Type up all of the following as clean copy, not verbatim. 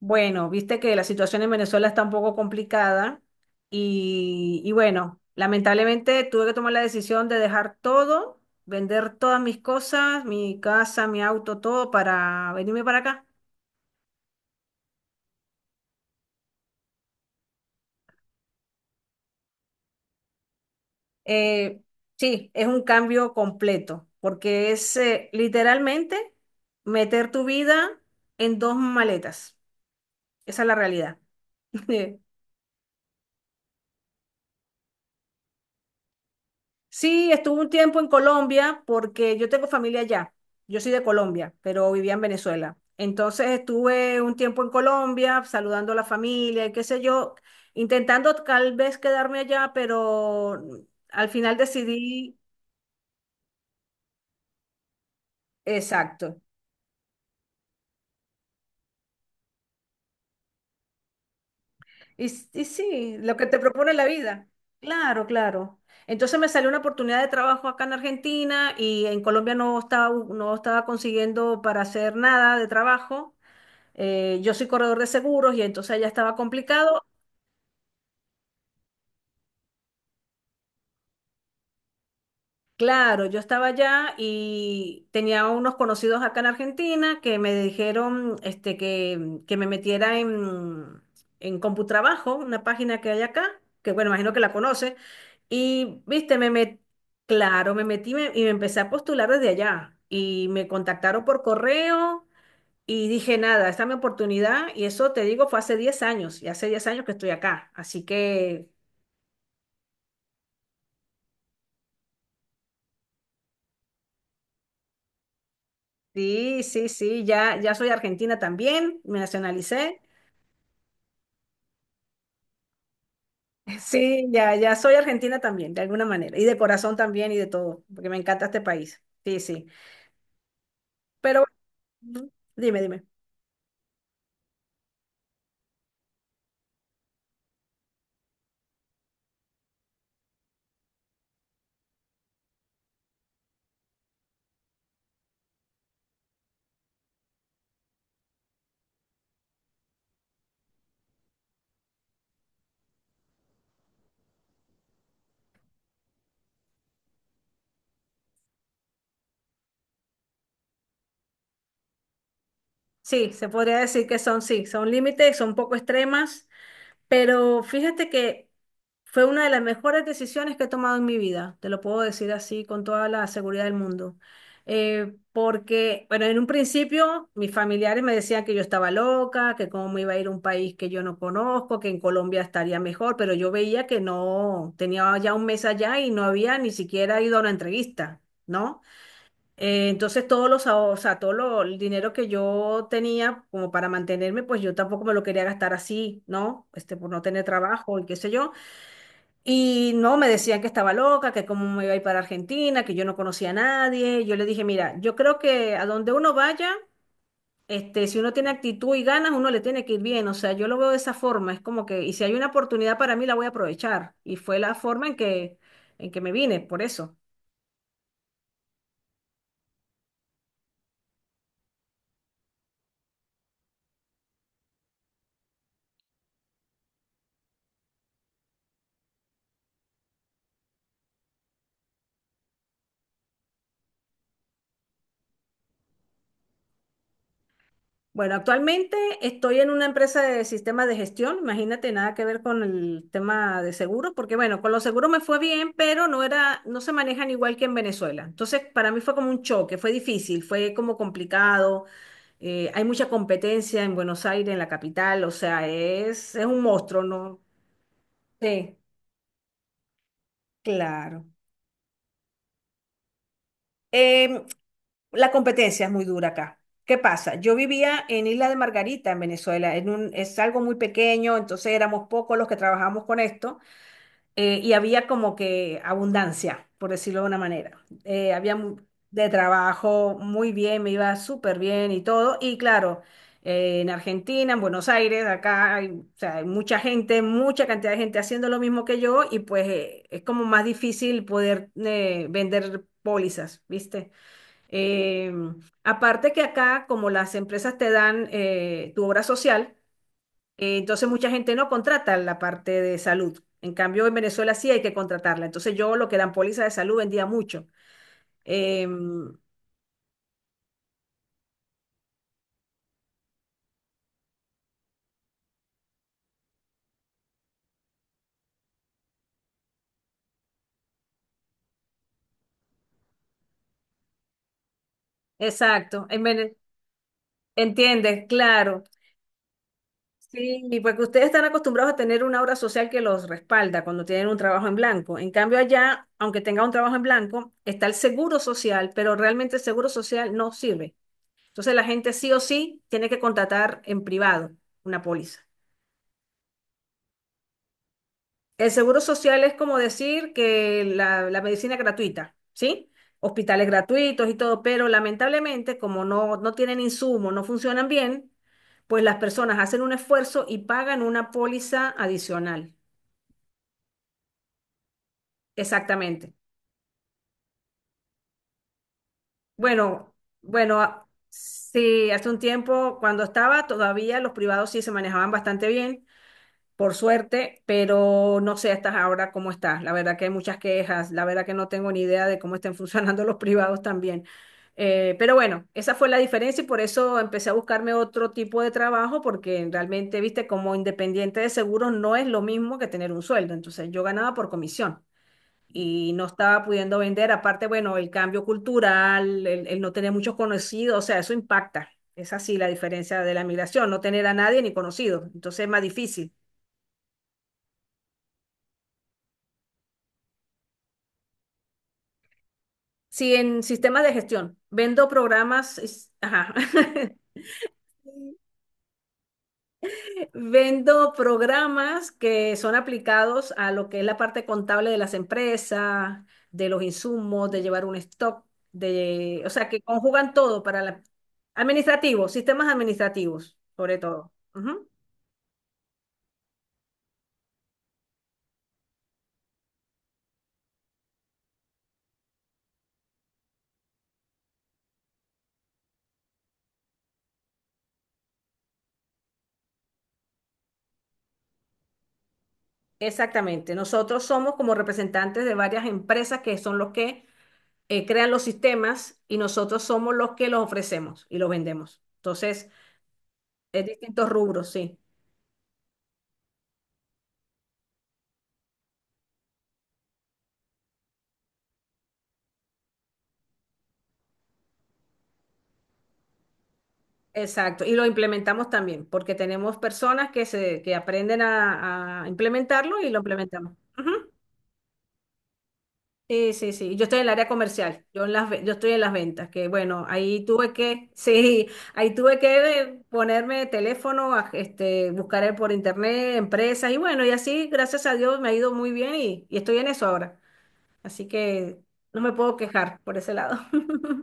Bueno, viste que la situación en Venezuela está un poco complicada y bueno, lamentablemente tuve que tomar la decisión de dejar todo, vender todas mis cosas, mi casa, mi auto, todo para venirme para acá. Eh, sí, es un cambio completo porque es literalmente meter tu vida en dos maletas. Esa es la realidad. Sí, estuve un tiempo en Colombia porque yo tengo familia allá. Yo soy de Colombia, pero vivía en Venezuela. Entonces estuve un tiempo en Colombia saludando a la familia y qué sé yo, intentando tal vez quedarme allá, pero al final decidí, exacto. Y sí, lo que te propone la vida. Claro, claro. Entonces me salió una oportunidad de trabajo acá en Argentina y en Colombia no estaba consiguiendo para hacer nada de trabajo. Yo soy corredor de seguros y entonces allá estaba complicado. Claro, yo estaba allá y tenía unos conocidos acá en Argentina que me dijeron este, que me metiera en Computrabajo, una página que hay acá, que bueno, imagino que la conoce. Y, viste, claro, me metí y me empecé a postular desde allá. Y me contactaron por correo y dije, nada, esta es mi oportunidad. Y eso, te digo, fue hace 10 años. Y hace 10 años que estoy acá. Así que sí, sí, sí, ya soy argentina también, me nacionalicé. Sí. Sí, ya soy argentina también, de alguna manera, y de corazón también y de todo, porque me encanta este país. Sí, sí. Pero bueno, dime, dime. Sí, se podría decir que son, sí, son límites, son poco extremas, pero fíjate que fue una de las mejores decisiones que he tomado en mi vida, te lo puedo decir así con toda la seguridad del mundo. Porque, bueno, en un principio mis familiares me decían que yo estaba loca, que cómo me iba a ir a un país que yo no conozco, que en Colombia estaría mejor, pero yo veía que no, tenía ya un mes allá y no había ni siquiera ido a una entrevista, ¿no? Entonces todos los, o sea, el dinero que yo tenía como para mantenerme, pues yo tampoco me lo quería gastar así, ¿no? Este, por no tener trabajo y qué sé yo. Y no, me decían que estaba loca, que cómo me iba a ir para Argentina, que yo no conocía a nadie. Yo le dije, mira, yo creo que a donde uno vaya, este, si uno tiene actitud y ganas, uno le tiene que ir bien. O sea, yo lo veo de esa forma. Es como que, y si hay una oportunidad para mí, la voy a aprovechar. Y fue la forma en que me vine, por eso. Bueno, actualmente estoy en una empresa de sistemas de gestión, imagínate, nada que ver con el tema de seguros, porque bueno, con los seguros me fue bien, pero no se manejan igual que en Venezuela. Entonces, para mí fue como un choque, fue difícil, fue como complicado. Hay mucha competencia en Buenos Aires, en la capital, o sea, es un monstruo, ¿no? Sí, claro. Em, La competencia es muy dura acá. ¿Qué pasa? Yo vivía en Isla de Margarita, en Venezuela. Es algo muy pequeño, entonces éramos pocos los que trabajamos con esto, y había como que abundancia, por decirlo de una manera. De trabajo muy bien, me iba súper bien y todo. Y claro, en Argentina, en Buenos Aires, acá hay, o sea, hay mucha gente, mucha cantidad de gente haciendo lo mismo que yo y pues es como más difícil poder vender pólizas, ¿viste? Eh, Aparte que acá, como las empresas te dan tu obra social, entonces mucha gente no contrata la parte de salud. En cambio, en Venezuela sí hay que contratarla. Entonces yo lo que eran póliza de salud vendía mucho. Eh, exacto. ¿Entiendes? Claro. Y porque ustedes están acostumbrados a tener una obra social que los respalda cuando tienen un trabajo en blanco. En cambio, allá, aunque tenga un trabajo en blanco, está el seguro social, pero realmente el seguro social no sirve. Entonces la gente sí o sí tiene que contratar en privado una póliza. El seguro social es como decir que la medicina es gratuita, ¿sí? Hospitales gratuitos y todo, pero lamentablemente como no, no tienen insumos, no funcionan bien, pues las personas hacen un esfuerzo y pagan una póliza adicional. Exactamente. Bueno, bueno, sí, hace un tiempo cuando estaba todavía los privados sí se manejaban bastante bien. Por suerte, pero no sé hasta ahora cómo está. La verdad que hay muchas quejas, la verdad que no tengo ni idea de cómo estén funcionando los privados también. Pero bueno, esa fue la diferencia y por eso empecé a buscarme otro tipo de trabajo, porque realmente, viste, como independiente de seguros no es lo mismo que tener un sueldo. Entonces yo ganaba por comisión y no estaba pudiendo vender. Aparte, bueno, el cambio cultural, el no tener muchos conocidos, o sea, eso impacta. Es así la diferencia de la migración, no tener a nadie ni conocido. Entonces es más difícil. Sí, en sistemas de gestión. Vendo programas, ajá. Vendo programas que son aplicados a lo que es la parte contable de las empresas, de los insumos, de llevar un stock, o sea, que conjugan todo para la, administrativos, sistemas administrativos, sobre todo. Ujú. Exactamente. Nosotros somos como representantes de varias empresas que son los que crean los sistemas y nosotros somos los que los ofrecemos y los vendemos. Entonces, es distintos rubros, sí. Exacto. Y lo implementamos también, porque tenemos personas que aprenden a implementarlo y lo implementamos. Ujú. Sí, sí, sí. Yo estoy en el área comercial. Yo en las, yo estoy en las ventas, que bueno, ahí tuve que, sí, ahí tuve que ponerme teléfono, este, buscar por internet, empresas, y bueno, y así, gracias a Dios, me ha ido muy bien y estoy en eso ahora. Así que no me puedo quejar por ese lado.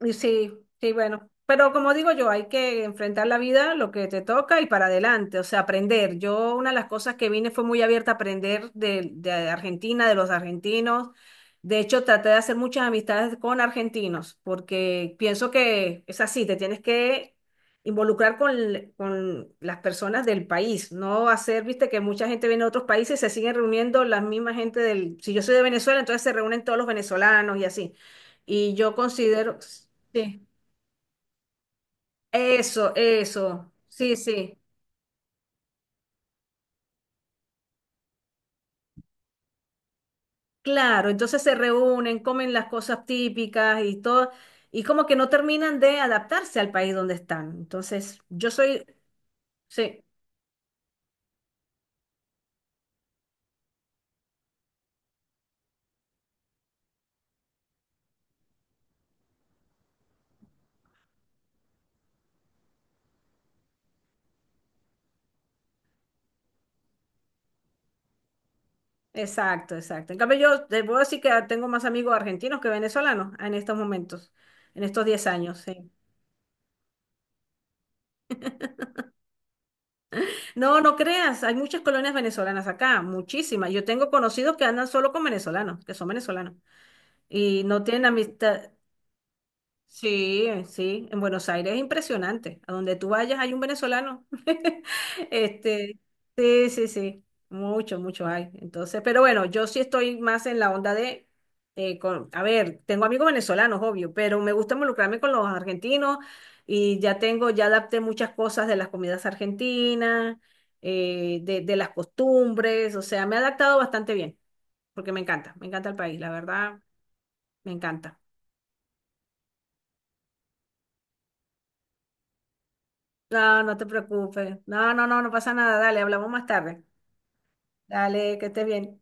Y sí, sí, bueno. Pero como digo yo, hay que enfrentar la vida, lo que te toca y para adelante, o sea, aprender. Yo una de las cosas que vine fue muy abierta a aprender de Argentina, de los argentinos. De hecho, traté de hacer muchas amistades con argentinos, porque pienso que es así, te tienes que involucrar con las personas del país, no hacer, viste, que mucha gente viene de otros países, se siguen reuniendo la misma gente si yo soy de Venezuela, entonces se reúnen todos los venezolanos y así. Y yo considero, sí, eso, sí, sí, claro, entonces se reúnen, comen las cosas típicas y todo, y como que no terminan de adaptarse al país donde están. Entonces, yo soy, sí, exacto, exacto. En cambio, yo te puedo decir que tengo más amigos argentinos que venezolanos en estos momentos, en estos 10 años, sí. No, no creas, hay muchas colonias venezolanas acá, muchísimas. Yo tengo conocidos que andan solo con venezolanos, que son venezolanos, y no tienen amistad. Sí, sí, en Buenos Aires es impresionante. A donde tú vayas hay un venezolano. Este, sí, sí, sí, mucho, mucho hay. Entonces, pero bueno, yo sí estoy más en la onda de, a ver, tengo amigos venezolanos, obvio, pero me gusta involucrarme con los argentinos y ya adapté muchas cosas de las comidas argentinas, de las costumbres, o sea, me he adaptado bastante bien, porque me encanta el país, la verdad, me encanta. No, no te preocupes. No, no, no, no pasa nada. Dale, hablamos más tarde. Dale, que estés bien.